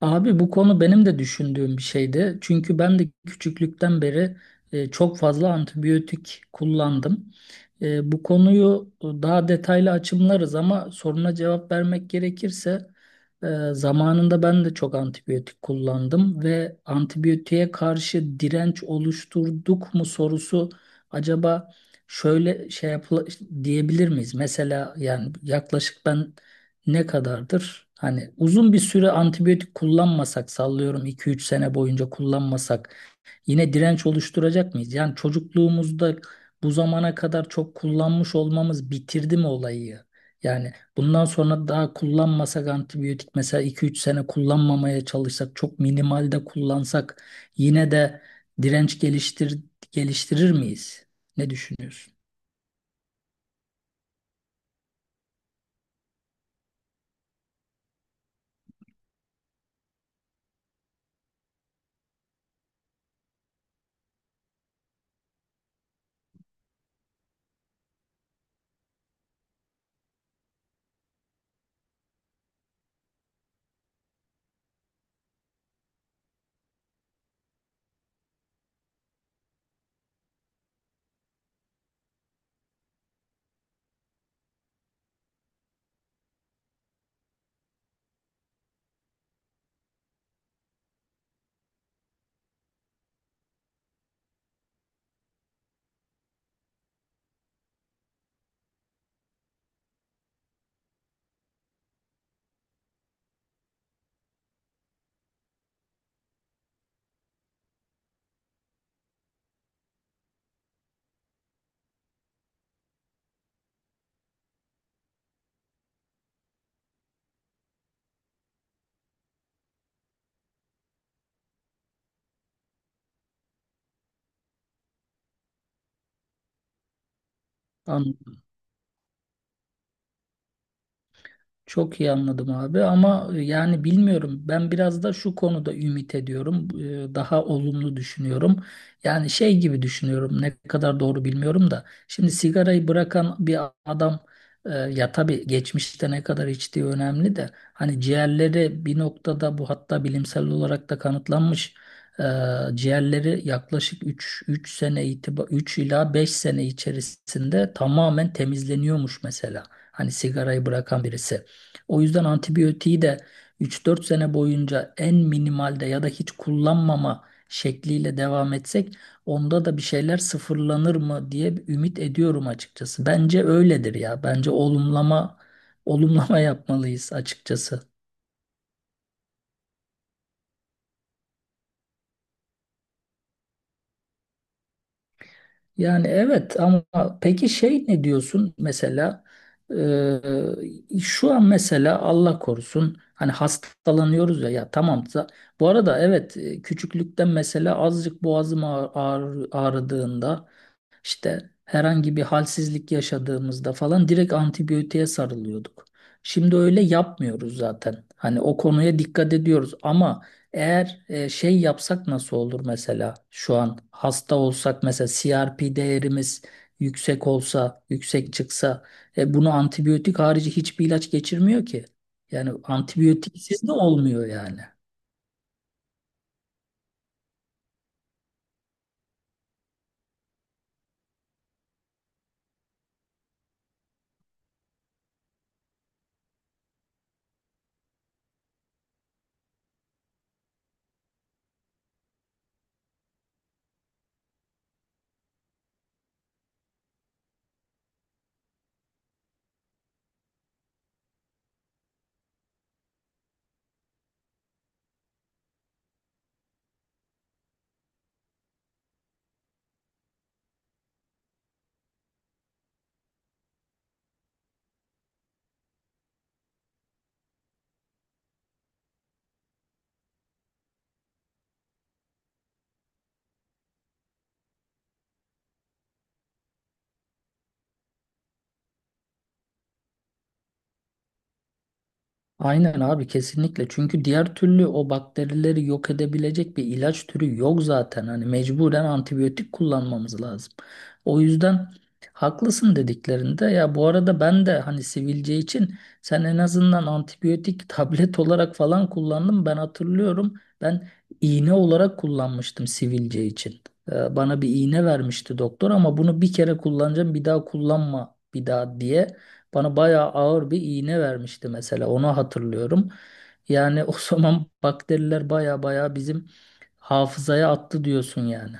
Abi bu konu benim de düşündüğüm bir şeydi. Çünkü ben de küçüklükten beri çok fazla antibiyotik kullandım. Bu konuyu daha detaylı açımlarız ama soruna cevap vermek gerekirse e, zamanında ben de çok antibiyotik kullandım ve antibiyotiğe karşı direnç oluşturduk mu sorusu acaba şöyle şey yapıl diyebilir miyiz? Mesela yani yaklaşık ben ne kadardır? Hani uzun bir süre antibiyotik kullanmasak, sallıyorum 2-3 sene boyunca kullanmasak, yine direnç oluşturacak mıyız? Yani çocukluğumuzda bu zamana kadar çok kullanmış olmamız bitirdi mi olayı? Yani bundan sonra daha kullanmasak antibiyotik, mesela 2-3 sene kullanmamaya çalışsak, çok minimalde kullansak, yine de direnç geliştirir miyiz? Ne düşünüyorsun? Çok iyi anladım abi, ama yani bilmiyorum, ben biraz da şu konuda ümit ediyorum. Daha olumlu düşünüyorum, yani şey gibi düşünüyorum, ne kadar doğru bilmiyorum da, şimdi sigarayı bırakan bir adam, ya tabii geçmişte ne kadar içtiği önemli de, hani ciğerleri bir noktada, bu hatta bilimsel olarak da kanıtlanmış, e, ciğerleri yaklaşık 3 ila 5 sene içerisinde tamamen temizleniyormuş mesela, hani sigarayı bırakan birisi. O yüzden antibiyotiği de 3-4 sene boyunca en minimalde ya da hiç kullanmama şekliyle devam etsek, onda da bir şeyler sıfırlanır mı diye bir ümit ediyorum açıkçası. Bence öyledir ya. Bence olumlama yapmalıyız açıkçası. Yani evet, ama peki şey ne diyorsun mesela? Şu an mesela Allah korusun hani hastalanıyoruz ya, ya tamam, bu arada evet, küçüklükten mesela azıcık boğazım ağrıdığında, işte herhangi bir halsizlik yaşadığımızda falan direkt antibiyotiğe sarılıyorduk. Şimdi öyle yapmıyoruz zaten. Hani o konuya dikkat ediyoruz, ama eğer şey yapsak nasıl olur? Mesela şu an hasta olsak, mesela CRP değerimiz yüksek olsa, yüksek çıksa, bunu antibiyotik harici hiçbir ilaç geçirmiyor ki. Yani antibiyotiksiz de olmuyor yani. Aynen abi, kesinlikle, çünkü diğer türlü o bakterileri yok edebilecek bir ilaç türü yok zaten, hani mecburen antibiyotik kullanmamız lazım. O yüzden haklısın dediklerinde. Ya bu arada, ben de hani sivilce için, sen en azından antibiyotik tablet olarak falan kullandım ben hatırlıyorum; ben iğne olarak kullanmıştım sivilce için. Bana bir iğne vermişti doktor, ama bunu bir kere kullanacağım, bir daha kullanma bir daha diye. Bana bayağı ağır bir iğne vermişti mesela. Onu hatırlıyorum. Yani o zaman bakteriler bayağı bayağı bizim hafızaya attı diyorsun yani.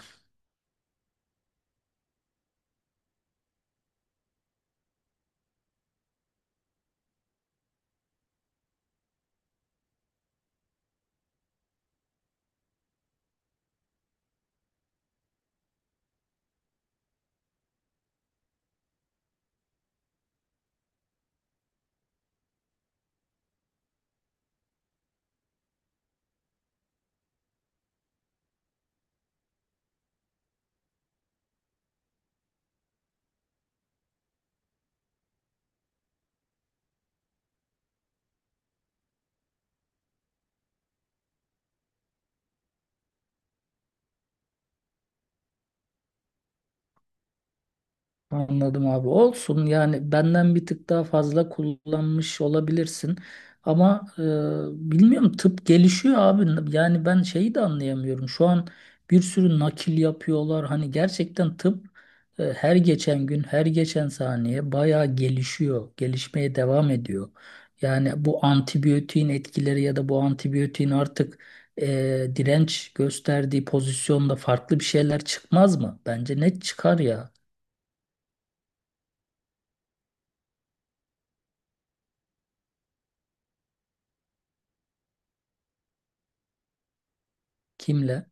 Anladım abi. Olsun yani, benden bir tık daha fazla kullanmış olabilirsin. Ama bilmiyorum, tıp gelişiyor abi. Yani ben şeyi de anlayamıyorum. Şu an bir sürü nakil yapıyorlar. Hani gerçekten tıp her geçen gün, her geçen saniye bayağı gelişiyor. Gelişmeye devam ediyor. Yani bu antibiyotiğin etkileri ya da bu antibiyotiğin artık e, direnç gösterdiği pozisyonda farklı bir şeyler çıkmaz mı? Bence net çıkar ya. Kimle?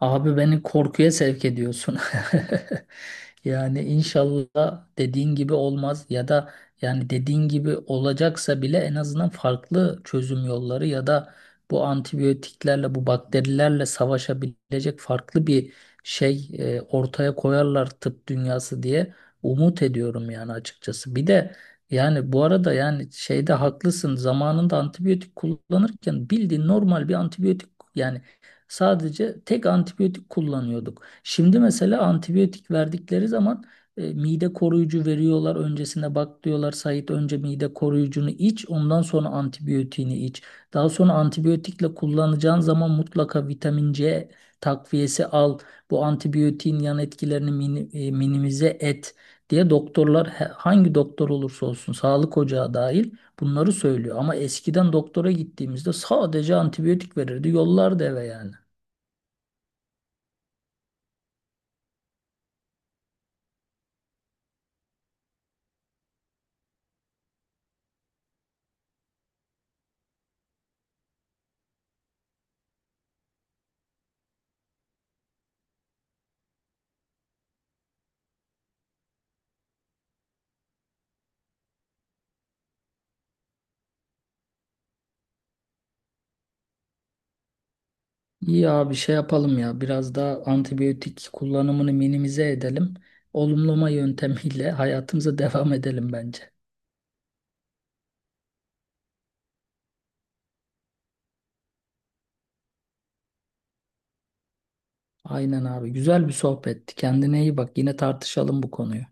Abi beni korkuya sevk ediyorsun. Yani inşallah dediğin gibi olmaz, ya da yani dediğin gibi olacaksa bile en azından farklı çözüm yolları, ya da bu antibiyotiklerle bu bakterilerle savaşabilecek farklı bir şey ortaya koyarlar tıp dünyası diye umut ediyorum yani, açıkçası. Bir de, yani bu arada, yani şeyde haklısın, zamanında antibiyotik kullanırken bildiğin normal bir antibiyotik yani, sadece tek antibiyotik kullanıyorduk. Şimdi mesela antibiyotik verdikleri zaman mide koruyucu veriyorlar. Öncesine bak diyorlar, Sait önce mide koruyucunu iç, ondan sonra antibiyotiğini iç. Daha sonra antibiyotikle kullanacağın zaman mutlaka vitamin C takviyesi al. Bu antibiyotiğin yan etkilerini minimize et diye doktorlar hangi doktor olursa olsun, sağlık ocağı dahil, bunları söylüyor. Ama eskiden doktora gittiğimizde sadece antibiyotik verirdi, yollardı eve yani. İyi abi, şey yapalım ya, biraz daha antibiyotik kullanımını minimize edelim. Olumlama yöntemiyle hayatımıza devam edelim bence. Aynen abi, güzel bir sohbetti. Kendine iyi bak, yine tartışalım bu konuyu.